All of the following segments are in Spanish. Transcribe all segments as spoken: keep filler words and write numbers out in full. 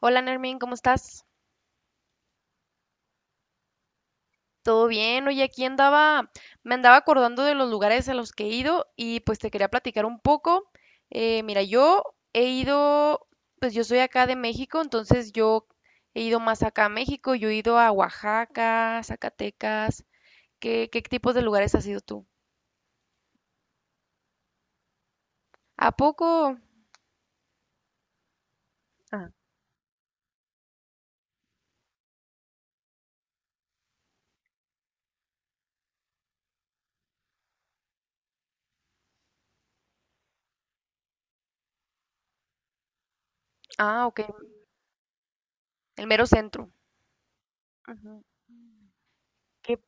Hola, Nermin, ¿cómo estás? ¿Todo bien? Oye, aquí andaba, me andaba acordando de los lugares a los que he ido y pues te quería platicar un poco. Eh, mira, yo he ido, pues yo soy acá de México, entonces yo he ido más acá a México, yo he ido a Oaxaca, Zacatecas. ¿Qué, qué tipos de lugares has ido tú? ¿A poco? Ah, ah, ok, el mero centro. Ujú. ¿Qué?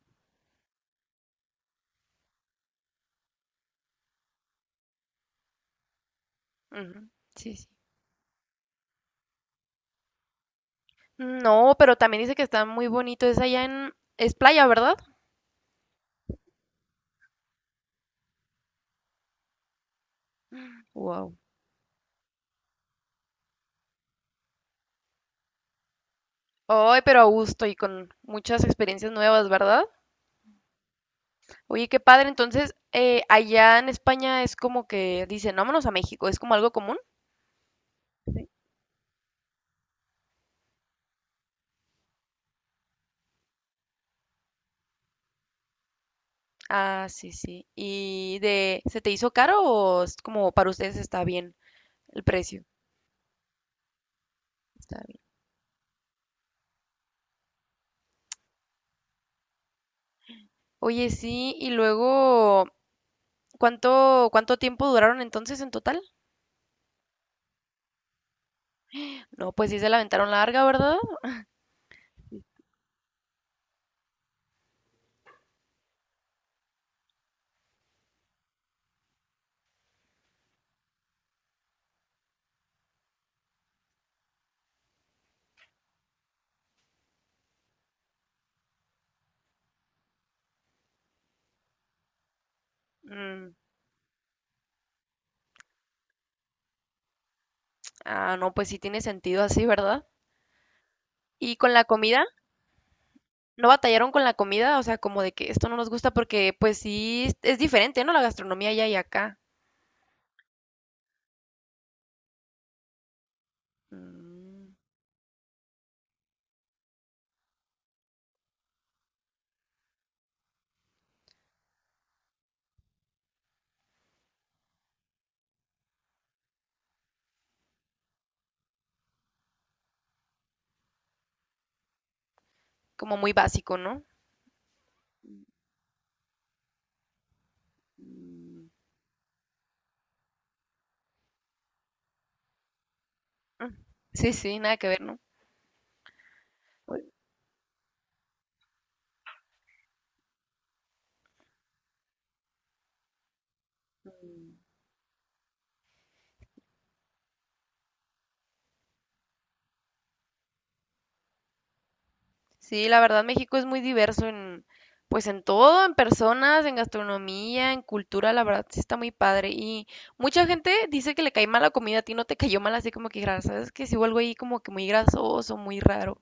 Ujú. Sí, sí. No, pero también dice que está muy bonito, es allá en, es playa, ¿verdad? Wow. Ay, pero a gusto y con muchas experiencias nuevas, ¿verdad? Oye, qué padre. Entonces, eh, allá en España es como que dicen, vámonos a México, ¿es como algo común? Sí. Ah, sí, sí. ¿Y de, se te hizo caro o es como para ustedes está bien el precio? Está bien. Oye, sí, y luego, ¿cuánto, cuánto tiempo duraron entonces en total? No, pues sí se la aventaron larga, ¿verdad? Mm, ah, no, pues sí tiene sentido así, ¿verdad? ¿Y con la comida? ¿No batallaron con la comida? O sea, como de que esto no nos gusta porque pues sí, es es diferente, ¿no? La gastronomía allá y acá. Mm, como muy básico, ¿no? Mm. Sí, sí, nada que ver, ¿no? Pues, sí, la verdad México es muy diverso en, pues en todo, en personas, en gastronomía, en cultura, la verdad sí está muy padre. Y mucha gente dice que le cae mal la comida, a ti no te cayó mal así como que, "Gra- ¿sabes? Que si algo ahí como que muy grasoso, muy raro,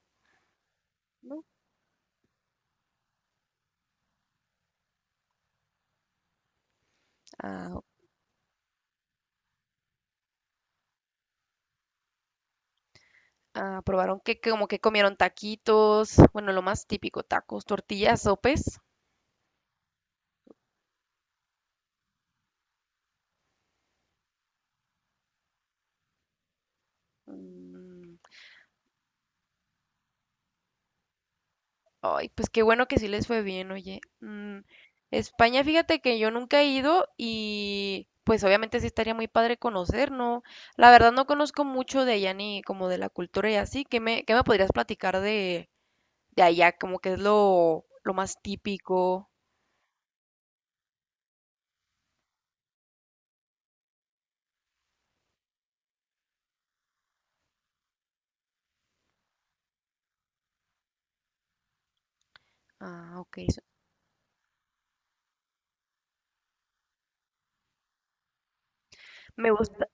¿no?" Ah, ah, probaron que como que comieron taquitos, bueno, lo más típico, tacos, tortillas, sopes. Mm, ay, pues qué bueno que sí les fue bien, oye. Mm, España, fíjate que yo nunca he ido y pues obviamente sí estaría muy padre conocer, ¿no? La verdad no conozco mucho de allá ni como de la cultura y así. ¿Qué me, qué me podrías platicar de, de allá? Como que es lo, lo más típico. Ah, ok. So- me gusta,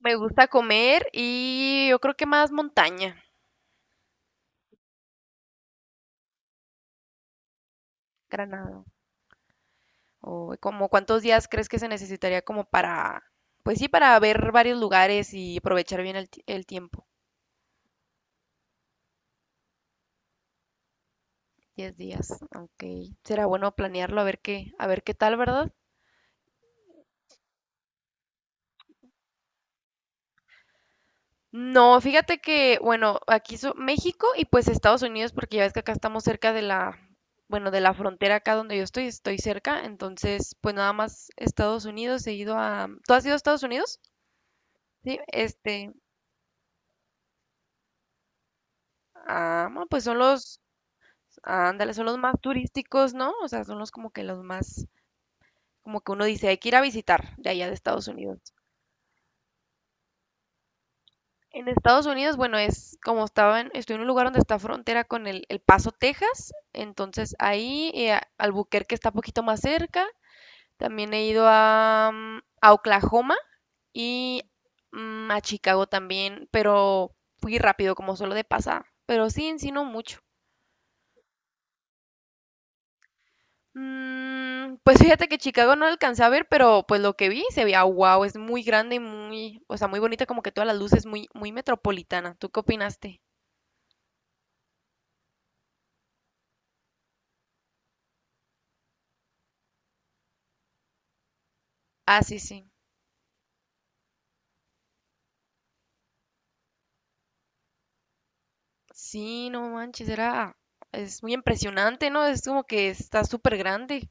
me gusta comer y yo creo que más montaña. Granada. ¿O como cuántos días crees que se necesitaría como para, pues sí, para ver varios lugares y aprovechar bien el, ti- el tiempo? Diez días, ok. Será bueno planearlo a ver qué, a ver qué tal, ¿verdad? No, fíjate que, bueno, aquí so- México y pues Estados Unidos, porque ya ves que acá estamos cerca de la, bueno, de la frontera acá donde yo estoy, estoy cerca, entonces pues nada más Estados Unidos, he ido a... ¿Tú has ido a Estados Unidos? Sí, este, ah, bueno, pues son los, ándale, son los más turísticos, ¿no? O sea, son los como que los más, como que uno dice, hay que ir a visitar de allá de Estados Unidos. En Estados Unidos, bueno, es como estaba en, estoy en un lugar donde está frontera con el, el Paso, Texas, entonces ahí eh, a- Albuquerque está poquito más cerca. También he ido a, mm, a Oklahoma y mm, a Chicago también, pero fui rápido, como solo de pasada. Pero sí, en sí no mucho. Mm, pues fíjate que Chicago no alcancé a ver, pero pues lo que vi se veía wow, es muy grande, y muy, o sea, muy bonita, como que todas las luces muy, muy metropolitana. ¿Tú qué opinaste? Ah, sí, sí. Sí, no manches, era, es muy impresionante, ¿no? Es como que está súper grande.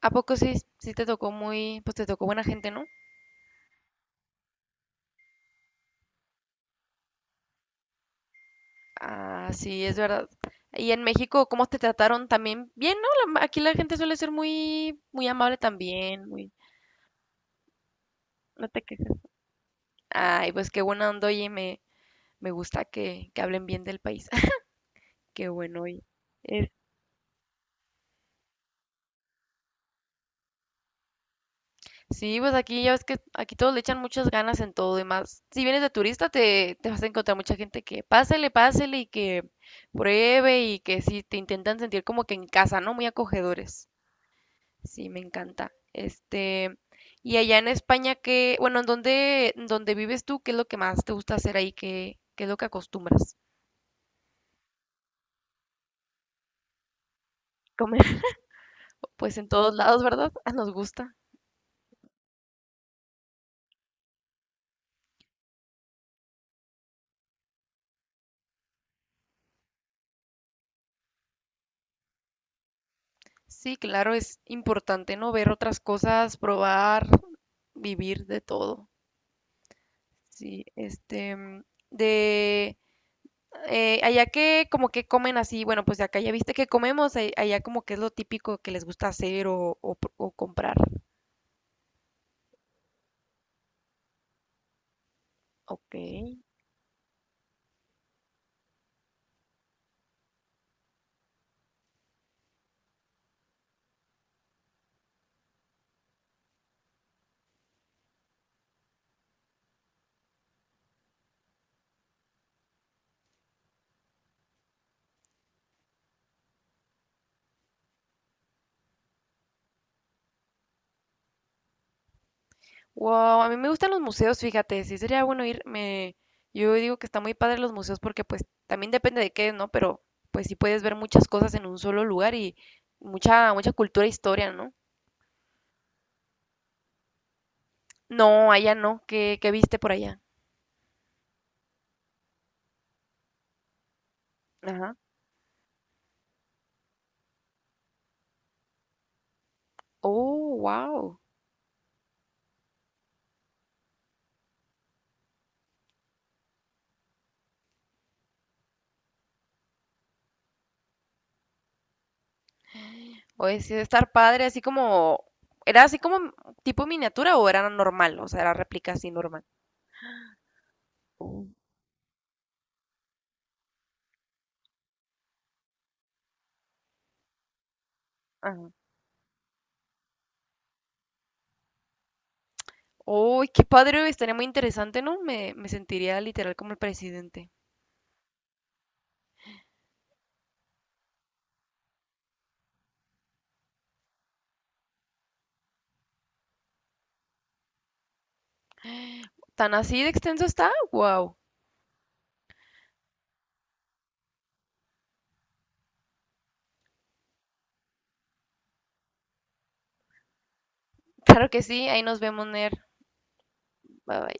¿A poco sí, sí te tocó muy, pues te tocó buena gente, ¿no? Ah, sí, es verdad. Y en México, ¿cómo te trataron también? Bien, ¿no? La- aquí la gente suele ser muy, muy amable también, muy, no te quejes. Ay, pues qué buena onda, oye, me, Me gusta que, que hablen bien del país. Qué bueno. Y es- sí, pues aquí ya ves que aquí todos le echan muchas ganas en todo y más. Si vienes de turista, te, te vas a encontrar mucha gente que pásele, pásele y que pruebe y que sí, te intentan sentir como que en casa, ¿no? Muy acogedores. Sí, me encanta. Este, y allá en España, ¿qué, bueno, en dónde, en dónde vives tú? ¿Qué es lo que más te gusta hacer ahí? ¿Qué, qué es lo que acostumbras? Comer, pues en todos lados, ¿verdad? Nos gusta. Sí, claro, es importante no ver otras cosas, probar, vivir de todo. Sí, este, mm, de eh, allá que como que comen así, bueno, pues acá ya viste que comemos, a- allá como que es lo típico que les gusta hacer o, o pr- o comprar. Ok. Wow, a mí me gustan los museos, fíjate, sí sería bueno ir, me, yo digo que está muy padre los museos porque pues también depende de qué, ¿no? Pero pues sí puedes ver muchas cosas en un solo lugar y mucha, mucha cultura e historia, ¿no? No, allá no. ¿Qué, qué viste por allá? Ajá. Oh, wow. Oye, sí debe estar padre, así como... ¿Era así como m- tipo miniatura o era normal? O sea, era réplica así normal. Oh, ajá. Uy, qué padre, estaría muy interesante, ¿no? Me, me sentiría literal como el presidente. ¿Tan así de extenso está? Wow. Claro que sí, ahí nos vemos, Ner. Bye bye.